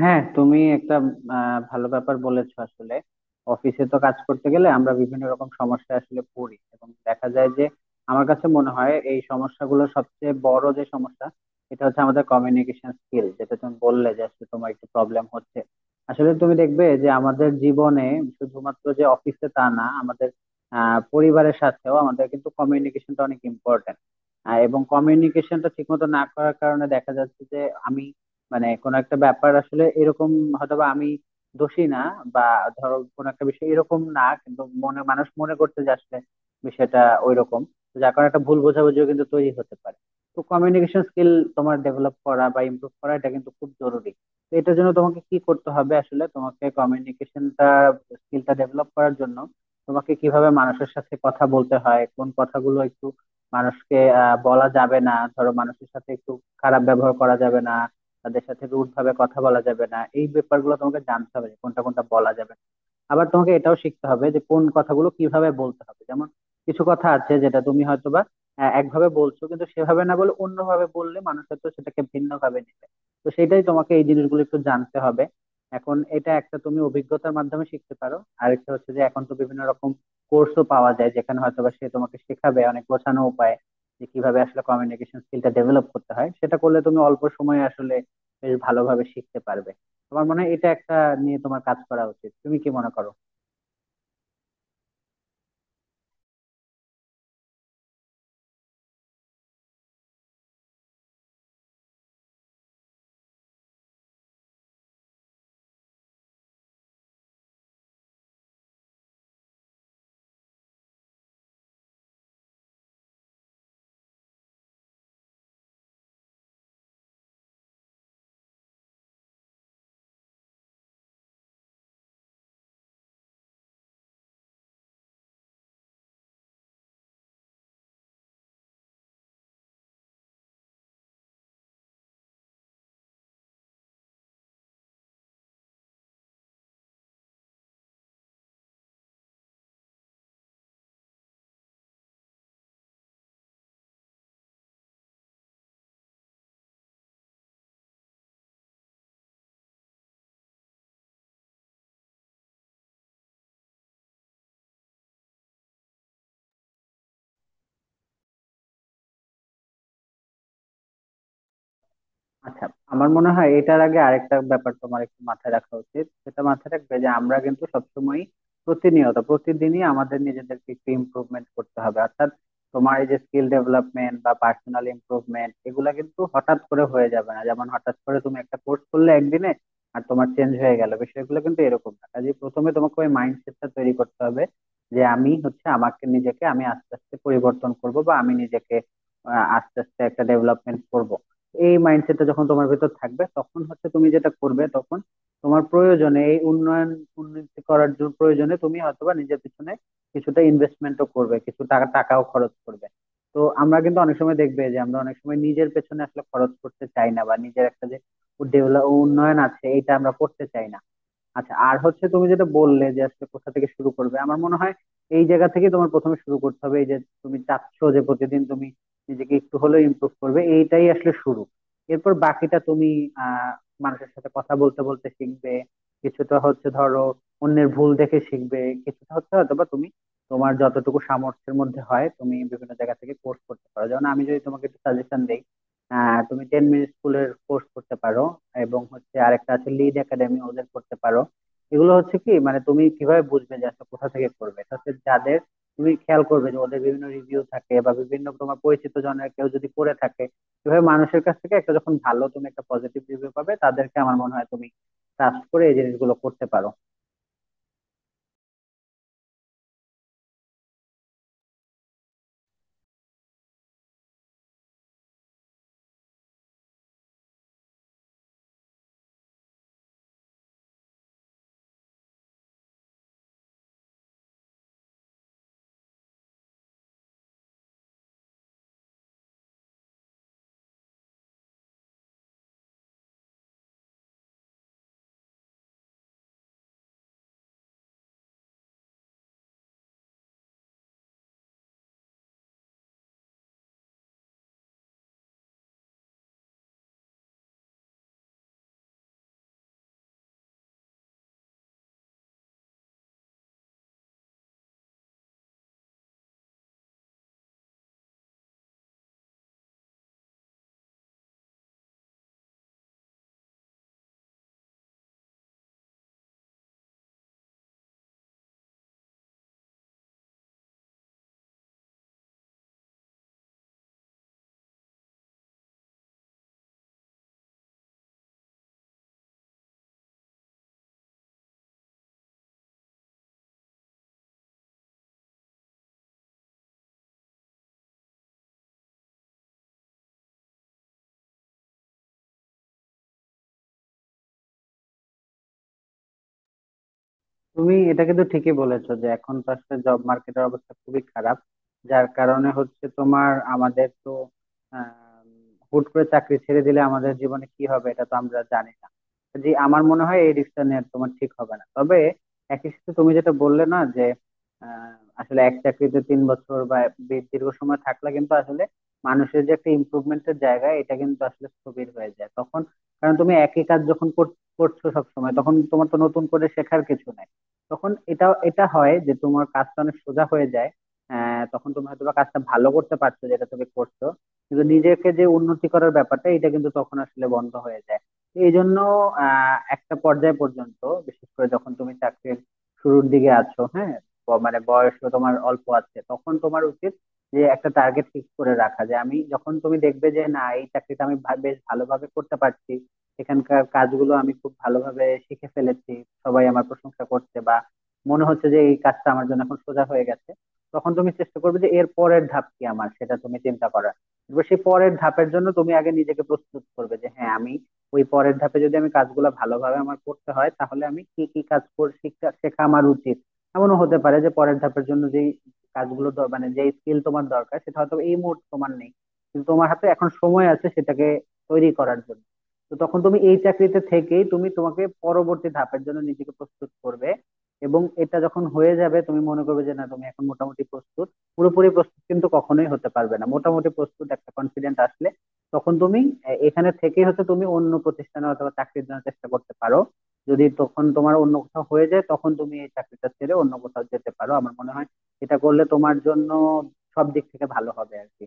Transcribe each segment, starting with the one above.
হ্যাঁ, তুমি একটা ভালো ব্যাপার বলেছো আসলে। অফিসে তো কাজ করতে গেলে আমরা বিভিন্ন রকম সমস্যা আসলে পড়ি, এবং দেখা যায় যে আমার কাছে মনে হয় এই সমস্যাগুলো সবচেয়ে বড় যে সমস্যা, এটা হচ্ছে আমাদের কমিউনিকেশন স্কিল, যেটা তুমি বললে যে আসলে তোমার একটু প্রবলেম হচ্ছে। আসলে তুমি দেখবে যে আমাদের জীবনে শুধুমাত্র যে অফিসে তা না, আমাদের পরিবারের সাথেও আমাদের কিন্তু কমিউনিকেশনটা অনেক ইম্পর্টেন্ট। এবং কমিউনিকেশনটা ঠিক মতো না করার কারণে দেখা যাচ্ছে যে আমি মানে কোনো একটা ব্যাপার আসলে এরকম, হয়তোবা আমি দোষী না, বা ধরো কোনো একটা বিষয় এরকম না, কিন্তু মনে মানুষ মনে করতে যে আসলে বিষয়টা ওইরকম। তো যার কারণে একটা ভুল বোঝাবুঝিও কিন্তু তৈরি হতে পারে। তো কমিউনিকেশন স্কিল তোমার ডেভেলপ করা বা ইমপ্রুভ করা এটা কিন্তু খুব জরুরি। তো এটার জন্য তোমাকে কি করতে হবে, আসলে তোমাকে কমিউনিকেশনটা স্কিলটা ডেভেলপ করার জন্য তোমাকে কিভাবে মানুষের সাথে কথা বলতে হয়, কোন কথাগুলো একটু মানুষকে বলা যাবে না, ধরো মানুষের সাথে একটু খারাপ ব্যবহার করা যাবে না, তাদের সাথে রুড ভাবে কথা বলা যাবে না, এই ব্যাপারগুলো তোমাকে জানতে হবে যে কোনটা কোনটা বলা যাবে। আবার তোমাকে এটাও শিখতে হবে যে কোন কথাগুলো কিভাবে বলতে হবে, যেমন কিছু কথা আছে যেটা তুমি হয়তোবা একভাবে বলছো, কিন্তু সেভাবে না বলে অন্যভাবে বললে মানুষ হয়তো সেটাকে ভিন্ন ভাবে নেবে। তো সেটাই তোমাকে এই জিনিসগুলো একটু জানতে হবে। এখন এটা একটা তুমি অভিজ্ঞতার মাধ্যমে শিখতে পারো। আরেকটা হচ্ছে যে এখন তো বিভিন্ন রকম কোর্সও পাওয়া যায়, যেখানে হয়তোবা সে তোমাকে শেখাবে অনেক গোছানো উপায় যে কিভাবে আসলে কমিউনিকেশন স্কিলটা ডেভেলপ করতে হয়। সেটা করলে তুমি অল্প সময়ে আসলে বেশ ভালোভাবে শিখতে পারবে। তোমার মনে হয় এটা একটা নিয়ে তোমার কাজ করা উচিত, তুমি কি মনে করো? আচ্ছা, আমার মনে হয় এটার আগে আরেকটা ব্যাপার তোমার একটু মাথায় রাখা উচিত, সেটা মাথায় রাখবে যে আমরা কিন্তু সবসময় প্রতিনিয়ত প্রতিদিনই আমাদের নিজেদেরকে একটু ইমপ্রুভমেন্ট করতে হবে, অর্থাৎ তোমার এই যে স্কিল ডেভেলপমেন্ট বা পার্সোনাল ইমপ্রুভমেন্ট এগুলা কিন্তু হঠাৎ করে হয়ে যাবে না। যেমন হঠাৎ করে তুমি একটা কোর্স করলে একদিনে আর তোমার চেঞ্জ হয়ে গেল, বিষয়গুলো কিন্তু এরকম না। কাজে প্রথমে তোমাকে ওই মাইন্ডসেটটা তৈরি করতে হবে যে আমি হচ্ছে আমাকে নিজেকে আমি আস্তে আস্তে পরিবর্তন করব, বা আমি নিজেকে আস্তে আস্তে একটা ডেভেলপমেন্ট করব। এই মাইন্ডসেটটা যখন তোমার ভেতর থাকবে তখন হচ্ছে তুমি যেটা করবে, তখন তোমার প্রয়োজনে এই উন্নয়ন উন্নতি করার জন্য প্রয়োজনে তুমি হয়তোবা নিজের পিছনে কিছুটা ইনভেস্টমেন্টও করবে, কিছু টাকাও খরচ করবে। তো আমরা কিন্তু অনেক সময় দেখবে যে আমরা অনেক সময় নিজের পেছনে আসলে খরচ করতে চাই না, বা নিজের একটা যে ডেভেলপ উন্নয়ন আছে এটা আমরা করতে চাই না। আচ্ছা, আর হচ্ছে তুমি যেটা বললে যে আসলে কোথা থেকে শুরু করবে, আমার মনে হয় এই জায়গা থেকে তোমার প্রথমে শুরু করতে হবে। এই যে তুমি চাচ্ছ যে প্রতিদিন তুমি নিজেকে একটু হলেও ইমপ্রুভ করবে, এইটাই আসলে শুরু। এরপর বাকিটা তুমি আহ মানুষের সাথে কথা বলতে বলতে শিখবে, কিছুটা হচ্ছে ধরো অন্যের ভুল দেখে শিখবে, কিছুটা হচ্ছে হয়তো বা তুমি তোমার যতটুকু সামর্থ্যের মধ্যে হয় তুমি বিভিন্ন জায়গা থেকে কোর্স করতে পারো। যেমন আমি যদি তোমাকে একটু সাজেশন দিই, তুমি টেন মিনিট স্কুলের কোর্স করতে পারো, এবং হচ্ছে আরেকটা আছে লিড একাডেমি, ওদের করতে পারো। এগুলো হচ্ছে কি, মানে তুমি কিভাবে বুঝবে যে আসলে কোথা থেকে করবে, এটা হচ্ছে যাদের তুমি খেয়াল করবে যে ওদের বিভিন্ন রিভিউ থাকে, বা বিভিন্ন তোমার পরিচিত জনের কেউ যদি করে থাকে। এভাবে মানুষের কাছ থেকে একটা যখন ভালো তুমি একটা পজিটিভ রিভিউ পাবে, তাদেরকে আমার মনে হয় তুমি ট্রাস্ট করে এই জিনিসগুলো করতে পারো। তুমি এটা কিন্তু ঠিকই বলেছো যে এখন তো আসলে জব মার্কেটের অবস্থা খুবই খারাপ, যার কারণে হচ্ছে তোমার আমাদের তো আম, হুট করে চাকরি ছেড়ে দিলে আমাদের জীবনে কি হবে এটা তো আমরা জানি না। যে আমার মনে হয় এই রিস্কটা নেওয়া তোমার ঠিক হবে না, তবে একই সাথে তুমি যেটা বললে না যে আহ, আসলে এক চাকরিতে 3 বছর বা দীর্ঘ সময় থাকলে কিন্তু আসলে মানুষের যে একটা ইমপ্রুভমেন্টের জায়গা এটা কিন্তু আসলে স্থবির হয়ে যায় তখন। কারণ তুমি একই কাজ যখন করছো সব সময়, তখন তোমার তো নতুন করে শেখার কিছু নাই। তখন এটা এটা হয় যে তোমার কাজটা অনেক সোজা হয়ে যায়। তখন তুমি হয়তো বা কাজটা ভালো করতে পারছো যেটা তুমি করছো, কিন্তু নিজেকে যে উন্নতি করার ব্যাপারটা এটা কিন্তু তখন আসলে বন্ধ হয়ে যায়। এই জন্য একটা পর্যায় পর্যন্ত, বিশেষ করে যখন তুমি চাকরির শুরুর দিকে আছো, হ্যাঁ, মানে বয়স তোমার অল্প আছে, তখন তোমার উচিত যে একটা টার্গেট ফিক্স করে রাখা। যে আমি যখন তুমি দেখবে যে না এই চাকরিটা আমি বেশ ভালোভাবে করতে পারছি, সেখানকার কাজগুলো আমি খুব ভালোভাবে শিখে ফেলেছি, সবাই আমার প্রশংসা করছে, বা মনে হচ্ছে যে এই কাজটা আমার জন্য এখন সোজা হয়ে গেছে, তখন তুমি চেষ্টা করবে যে এর পরের ধাপ কি আমার, সেটা তুমি চিন্তা করার। এবার সেই পরের ধাপের জন্য তুমি আগে নিজেকে প্রস্তুত করবে, যে হ্যাঁ, আমি ওই পরের ধাপে যদি আমি কাজগুলো ভালোভাবে আমার করতে হয়, তাহলে আমি কি কি কাজ করে শিখা শেখা আমার উচিত। এমনও হতে পারে যে পরের ধাপের জন্য যেই কাজগুলো মানে যেই স্কিল তোমার দরকার, সেটা হয়তো এই মুহূর্তে তোমার নেই, কিন্তু তোমার হাতে এখন সময় আছে সেটাকে তৈরি করার জন্য। তো তখন তুমি এই চাকরিতে থেকেই তুমি তোমাকে পরবর্তী ধাপের জন্য নিজেকে প্রস্তুত করবে। এবং এটা যখন হয়ে যাবে তুমি মনে করবে যে না তুমি এখন মোটামুটি প্রস্তুত, পুরোপুরি প্রস্তুত কিন্তু কখনোই হতে পারবে না, মোটামুটি প্রস্তুত একটা কনফিডেন্ট আসলে। তখন তুমি এখানে থেকেই হচ্ছে তুমি অন্য প্রতিষ্ঠানে অথবা চাকরির জন্য চেষ্টা করতে পারো। যদি তখন তোমার অন্য কোথাও হয়ে যায়, তখন তুমি এই চাকরিটা ছেড়ে অন্য কোথাও যেতে পারো আমার মনে হয়। এটা করলে তোমার জন্য সব দিক থেকে ভালো হবে আর কি।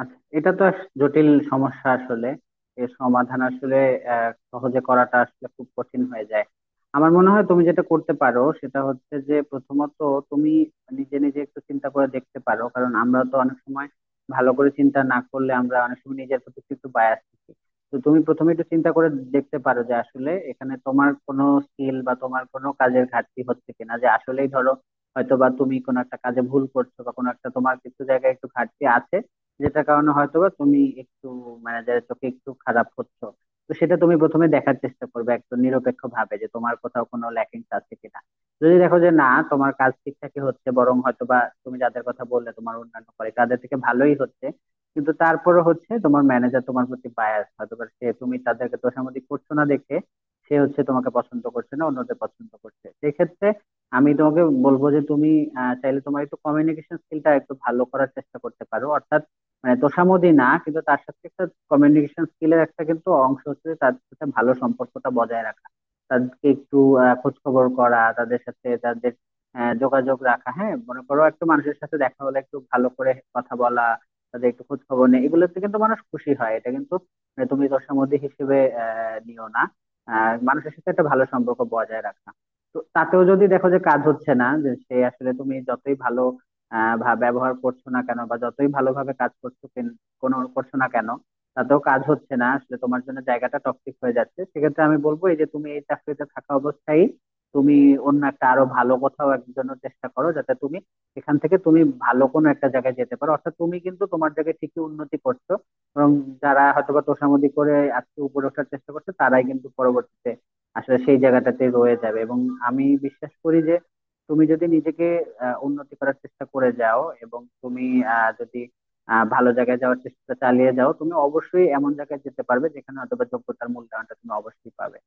আচ্ছা, এটা তো জটিল সমস্যা আসলে। এর সমাধান আসলে সহজে করাটা আসলে খুব কঠিন হয়ে যায়। আমার মনে হয় তুমি যেটা করতে পারো সেটা হচ্ছে যে প্রথমত তুমি নিজে নিজে একটু চিন্তা করে দেখতে পারো, কারণ আমরা তো অনেক সময় ভালো করে চিন্তা না করলে আমরা অনেক সময় নিজের প্রতি একটু বায়াস থাকি। তো তুমি প্রথমে একটু চিন্তা করে দেখতে পারো যে আসলে এখানে তোমার কোনো স্কিল বা তোমার কোনো কাজের ঘাটতি হচ্ছে কিনা, যে আসলেই ধরো হয়তো বা তুমি কোনো একটা কাজে ভুল করছো, বা কোনো একটা তোমার কিছু জায়গায় একটু ঘাটতি আছে, যেটার কারণে হয়তোবা তুমি একটু ম্যানেজারের চোখে একটু খারাপ হচ্ছ। তো সেটা তুমি প্রথমে দেখার চেষ্টা করবে একদম নিরপেক্ষ ভাবে যে তোমার কোথাও কোনো ল্যাকিংস আছে কিনা। যদি দেখো যে না তোমার কাজ ঠিকঠাকই হচ্ছে, বরং হয়তোবা তুমি যাদের কথা বললে তোমার অন্যান্য কলিগ তাদের থেকে ভালোই হচ্ছে, কিন্তু তারপরে হচ্ছে তোমার ম্যানেজার তোমার প্রতি বায়াস, হয়তোবা সে তুমি তাদেরকে তোষামোদী করছো না দেখে সে হচ্ছে তোমাকে পছন্দ করছে না, অন্যদের পছন্দ করছে, সেক্ষেত্রে আমি তোমাকে বলবো যে তুমি চাইলে তোমার একটু কমিউনিকেশন স্কিলটা একটু ভালো করার চেষ্টা করতে পারো। অর্থাৎ মানে তোষামোদী না, কিন্তু তার সাথে একটা কমিউনিকেশন স্কিলের একটা কিন্তু অংশ হচ্ছে যে তাদের সাথে ভালো সম্পর্কটা বজায় রাখা, তাদেরকে একটু খোঁজ খবর করা, তাদের সাথে তাদের যোগাযোগ রাখা, হ্যাঁ, মনে করো একটু মানুষের সাথে দেখা হলে একটু ভালো করে কথা বলা, তাদের একটু খোঁজ খবর নেই, এগুলোতে কিন্তু মানুষ খুশি হয়। এটা কিন্তু মানে তুমি তোষামোদী হিসেবে নিও না, মানুষের সাথে একটা ভালো সম্পর্ক বজায় রাখা। তো তাতেও যদি দেখো যে কাজ হচ্ছে না, যে সে আসলে তুমি যতই ভালো ব্যবহার করছো না কেন, বা যতই ভালোভাবে কাজ করছো কেন করছো না কেন, তাতেও কাজ হচ্ছে না, আসলে তোমার জন্য জায়গাটা টক্সিক হয়ে যাচ্ছে, সেক্ষেত্রে আমি বলবো এই যে তুমি এই চাকরিতে থাকা অবস্থায় তুমি অন্য একটা আরো ভালো কোথাও একজনের চেষ্টা করো, যাতে তুমি এখান থেকে তুমি ভালো কোনো একটা জায়গায় যেতে পারো। অর্থাৎ তুমি কিন্তু তোমার জায়গায় ঠিকই উন্নতি করছো, এবং যারা হয়তোবা তোষামোদি করে আজকে উপরে ওঠার চেষ্টা করছে তারাই কিন্তু পরবর্তীতে আসলে সেই জায়গাটাতে রয়ে যাবে। এবং আমি বিশ্বাস করি যে তুমি যদি নিজেকে উন্নতি করার চেষ্টা করে যাও, এবং তুমি আহ, যদি ভালো জায়গায় যাওয়ার চেষ্টা চালিয়ে যাও, তুমি অবশ্যই এমন জায়গায় যেতে পারবে যেখানে হয়তো বা যোগ্যতার মূল্যায়নটা তুমি অবশ্যই পাবে।